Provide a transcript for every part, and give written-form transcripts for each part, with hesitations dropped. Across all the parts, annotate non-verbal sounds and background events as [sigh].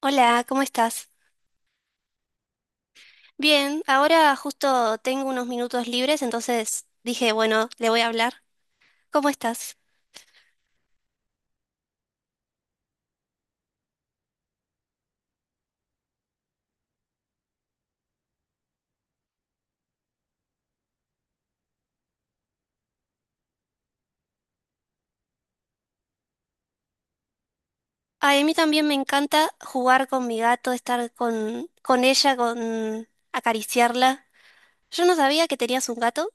Hola, ¿cómo estás? Bien, ahora justo tengo unos minutos libres, entonces dije, bueno, le voy a hablar. ¿Cómo estás? Ay, a mí también me encanta jugar con mi gato, estar con ella, con acariciarla. Yo no sabía que tenías un gato.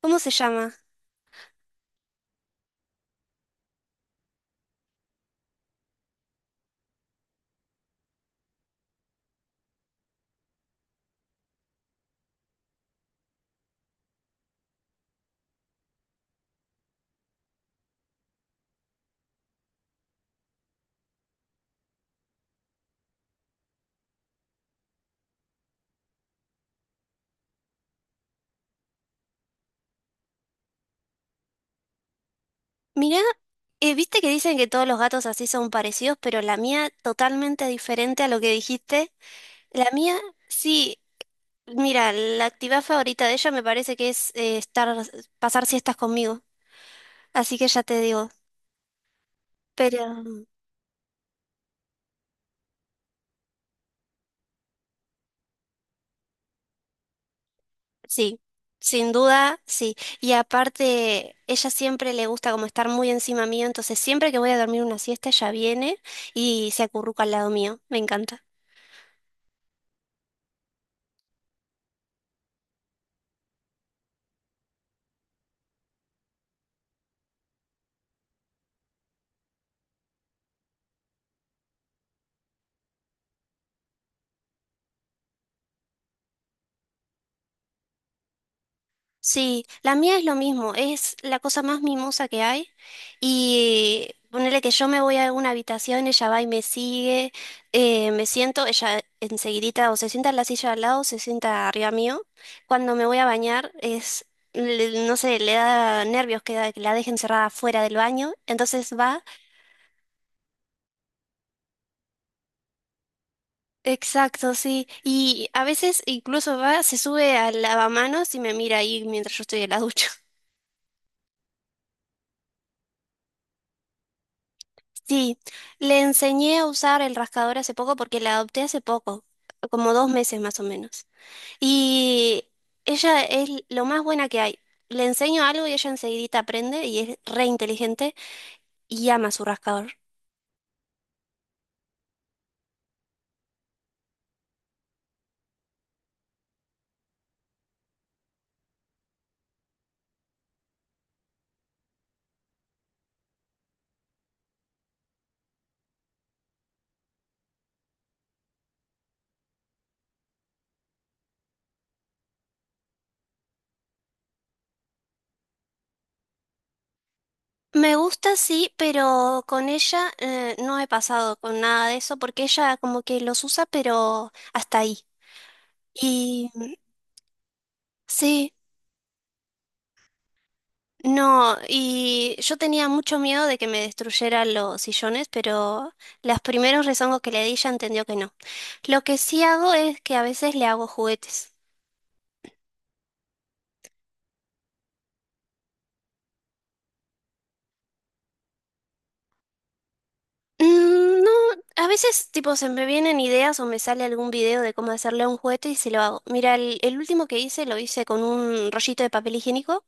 ¿Cómo se llama? Mirá, viste que dicen que todos los gatos así son parecidos, pero la mía totalmente diferente a lo que dijiste. La mía, sí, mira, la actividad favorita de ella me parece que es estar, pasar siestas conmigo. Así que ya te digo, pero sí, sin duda, sí. Y aparte, ella siempre le gusta como estar muy encima mío, entonces siempre que voy a dormir una siesta, ella viene y se acurruca al lado mío. Me encanta. Sí, la mía es lo mismo, es la cosa más mimosa que hay. Y ponerle que yo me voy a una habitación, ella va y me sigue, me siento, ella enseguidita o se sienta en la silla al lado o se sienta arriba mío. Cuando me voy a bañar, es, no sé, le da nervios que, que la dejen cerrada fuera del baño, entonces va. Exacto, sí. Y a veces incluso va, se sube al lavamanos y me mira ahí mientras yo estoy en la ducha. Sí, le enseñé a usar el rascador hace poco porque la adopté hace poco, como 2 meses más o menos. Y ella es lo más buena que hay. Le enseño algo y ella enseguidita aprende y es re inteligente y ama su rascador. Me gusta, sí, pero con ella no he pasado con nada de eso porque ella como que los usa, pero hasta ahí. Y sí. No, y yo tenía mucho miedo de que me destruyeran los sillones, pero los primeros rezongos que le di ya entendió que no. Lo que sí hago es que a veces le hago juguetes. Mm, no, a veces tipo se me vienen ideas o me sale algún video de cómo hacerle un juguete y se lo hago. Mira, el último que hice lo hice con un rollito de papel higiénico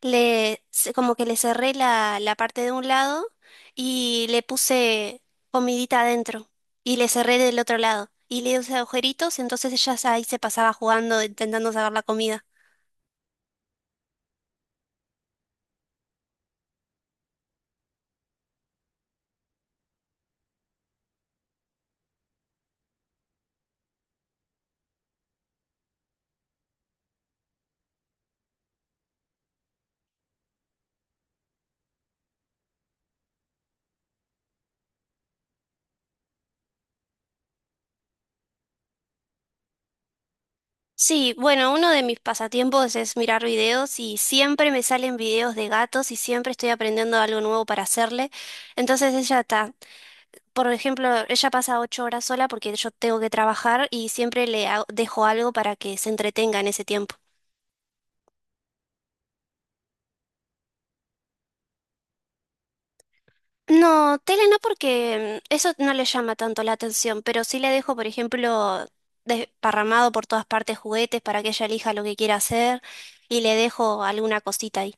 como que le cerré la parte de un lado y le puse comidita adentro y le cerré del otro lado y le hice agujeritos, entonces ahí se pasaba jugando, intentando sacar la comida. Sí, bueno, uno de mis pasatiempos es mirar videos y siempre me salen videos de gatos y siempre estoy aprendiendo algo nuevo para hacerle. Entonces ella está, por ejemplo, ella pasa 8 horas sola porque yo tengo que trabajar y siempre dejo algo para que se entretenga en ese tiempo. No, tele no porque eso no le llama tanto la atención, pero sí le dejo, por ejemplo, desparramado por todas partes juguetes para que ella elija lo que quiera hacer y le dejo alguna cosita ahí.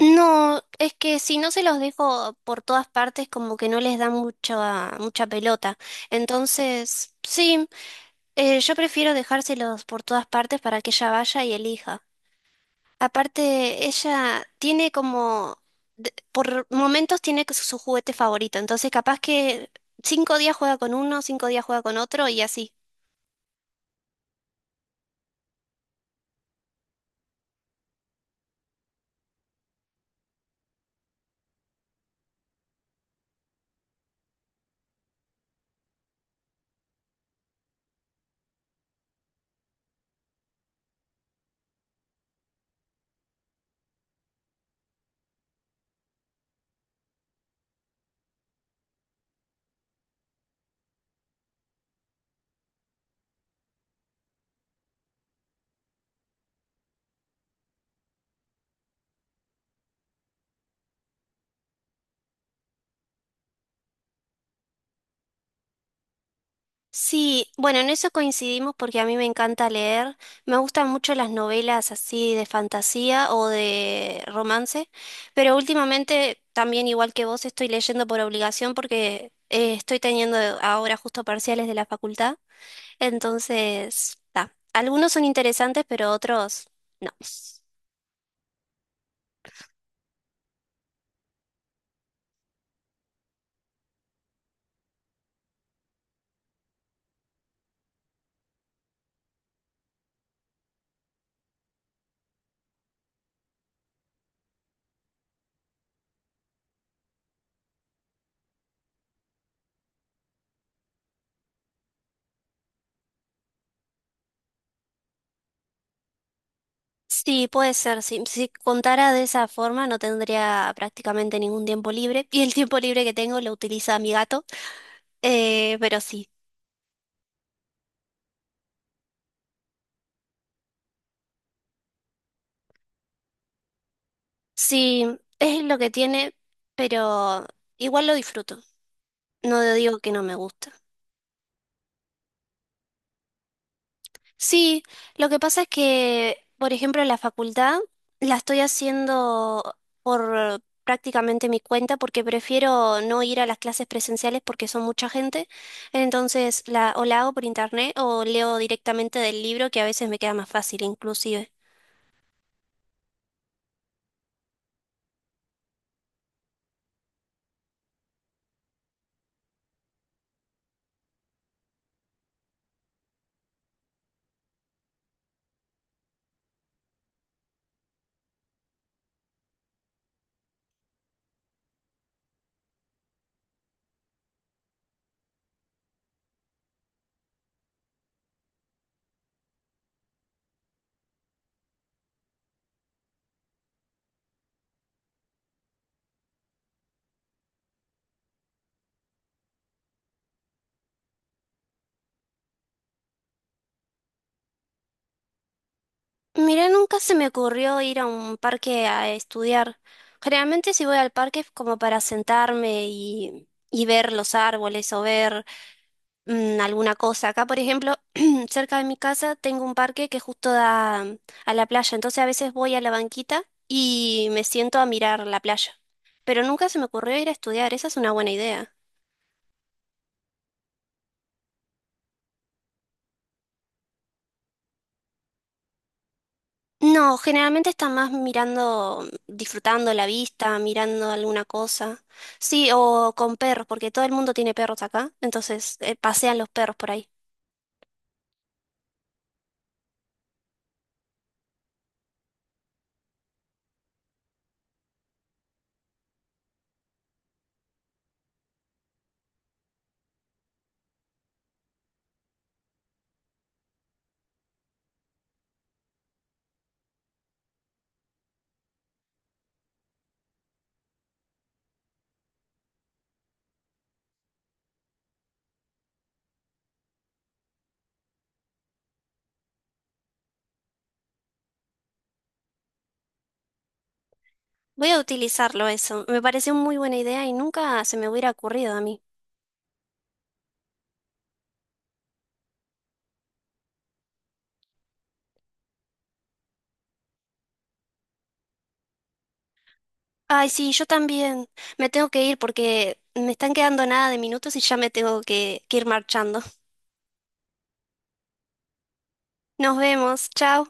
No, es que si no se los dejo por todas partes como que no les da mucha pelota. Entonces, sí, yo prefiero dejárselos por todas partes para que ella vaya y elija. Aparte, ella tiene como, por momentos tiene que su juguete favorito, entonces capaz que 5 días juega con uno, 5 días juega con otro y así. Sí, bueno, en eso coincidimos porque a mí me encanta leer, me gustan mucho las novelas así de fantasía o de romance, pero últimamente también igual que vos estoy leyendo por obligación porque estoy teniendo ahora justo parciales de la facultad. Entonces, ta, algunos son interesantes, pero otros no. Sí, puede ser. Si contara de esa forma, no tendría prácticamente ningún tiempo libre. Y el tiempo libre que tengo lo utiliza mi gato. Pero sí, sí, es lo que tiene, pero igual lo disfruto. No digo que no me gusta. Sí, lo que pasa es que, por ejemplo, la facultad la estoy haciendo por prácticamente mi cuenta porque prefiero no ir a las clases presenciales porque son mucha gente. Entonces, la, o la hago por internet o leo directamente del libro que a veces me queda más fácil inclusive. Mira, nunca se me ocurrió ir a un parque a estudiar. Generalmente si voy al parque es como para sentarme y ver los árboles o ver alguna cosa. Acá, por ejemplo, [clears throat] cerca de mi casa tengo un parque que justo da a la playa, entonces a veces voy a la banquita y me siento a mirar la playa. Pero nunca se me ocurrió ir a estudiar, esa es una buena idea. No, generalmente está más disfrutando la vista, mirando alguna cosa. Sí, o con perros, porque todo el mundo tiene perros acá, entonces pasean los perros por ahí. Voy a utilizarlo eso. Me pareció muy buena idea y nunca se me hubiera ocurrido a mí. Ay, sí, yo también. Me tengo que ir porque me están quedando nada de minutos y ya me tengo que ir marchando. Nos vemos. Chao.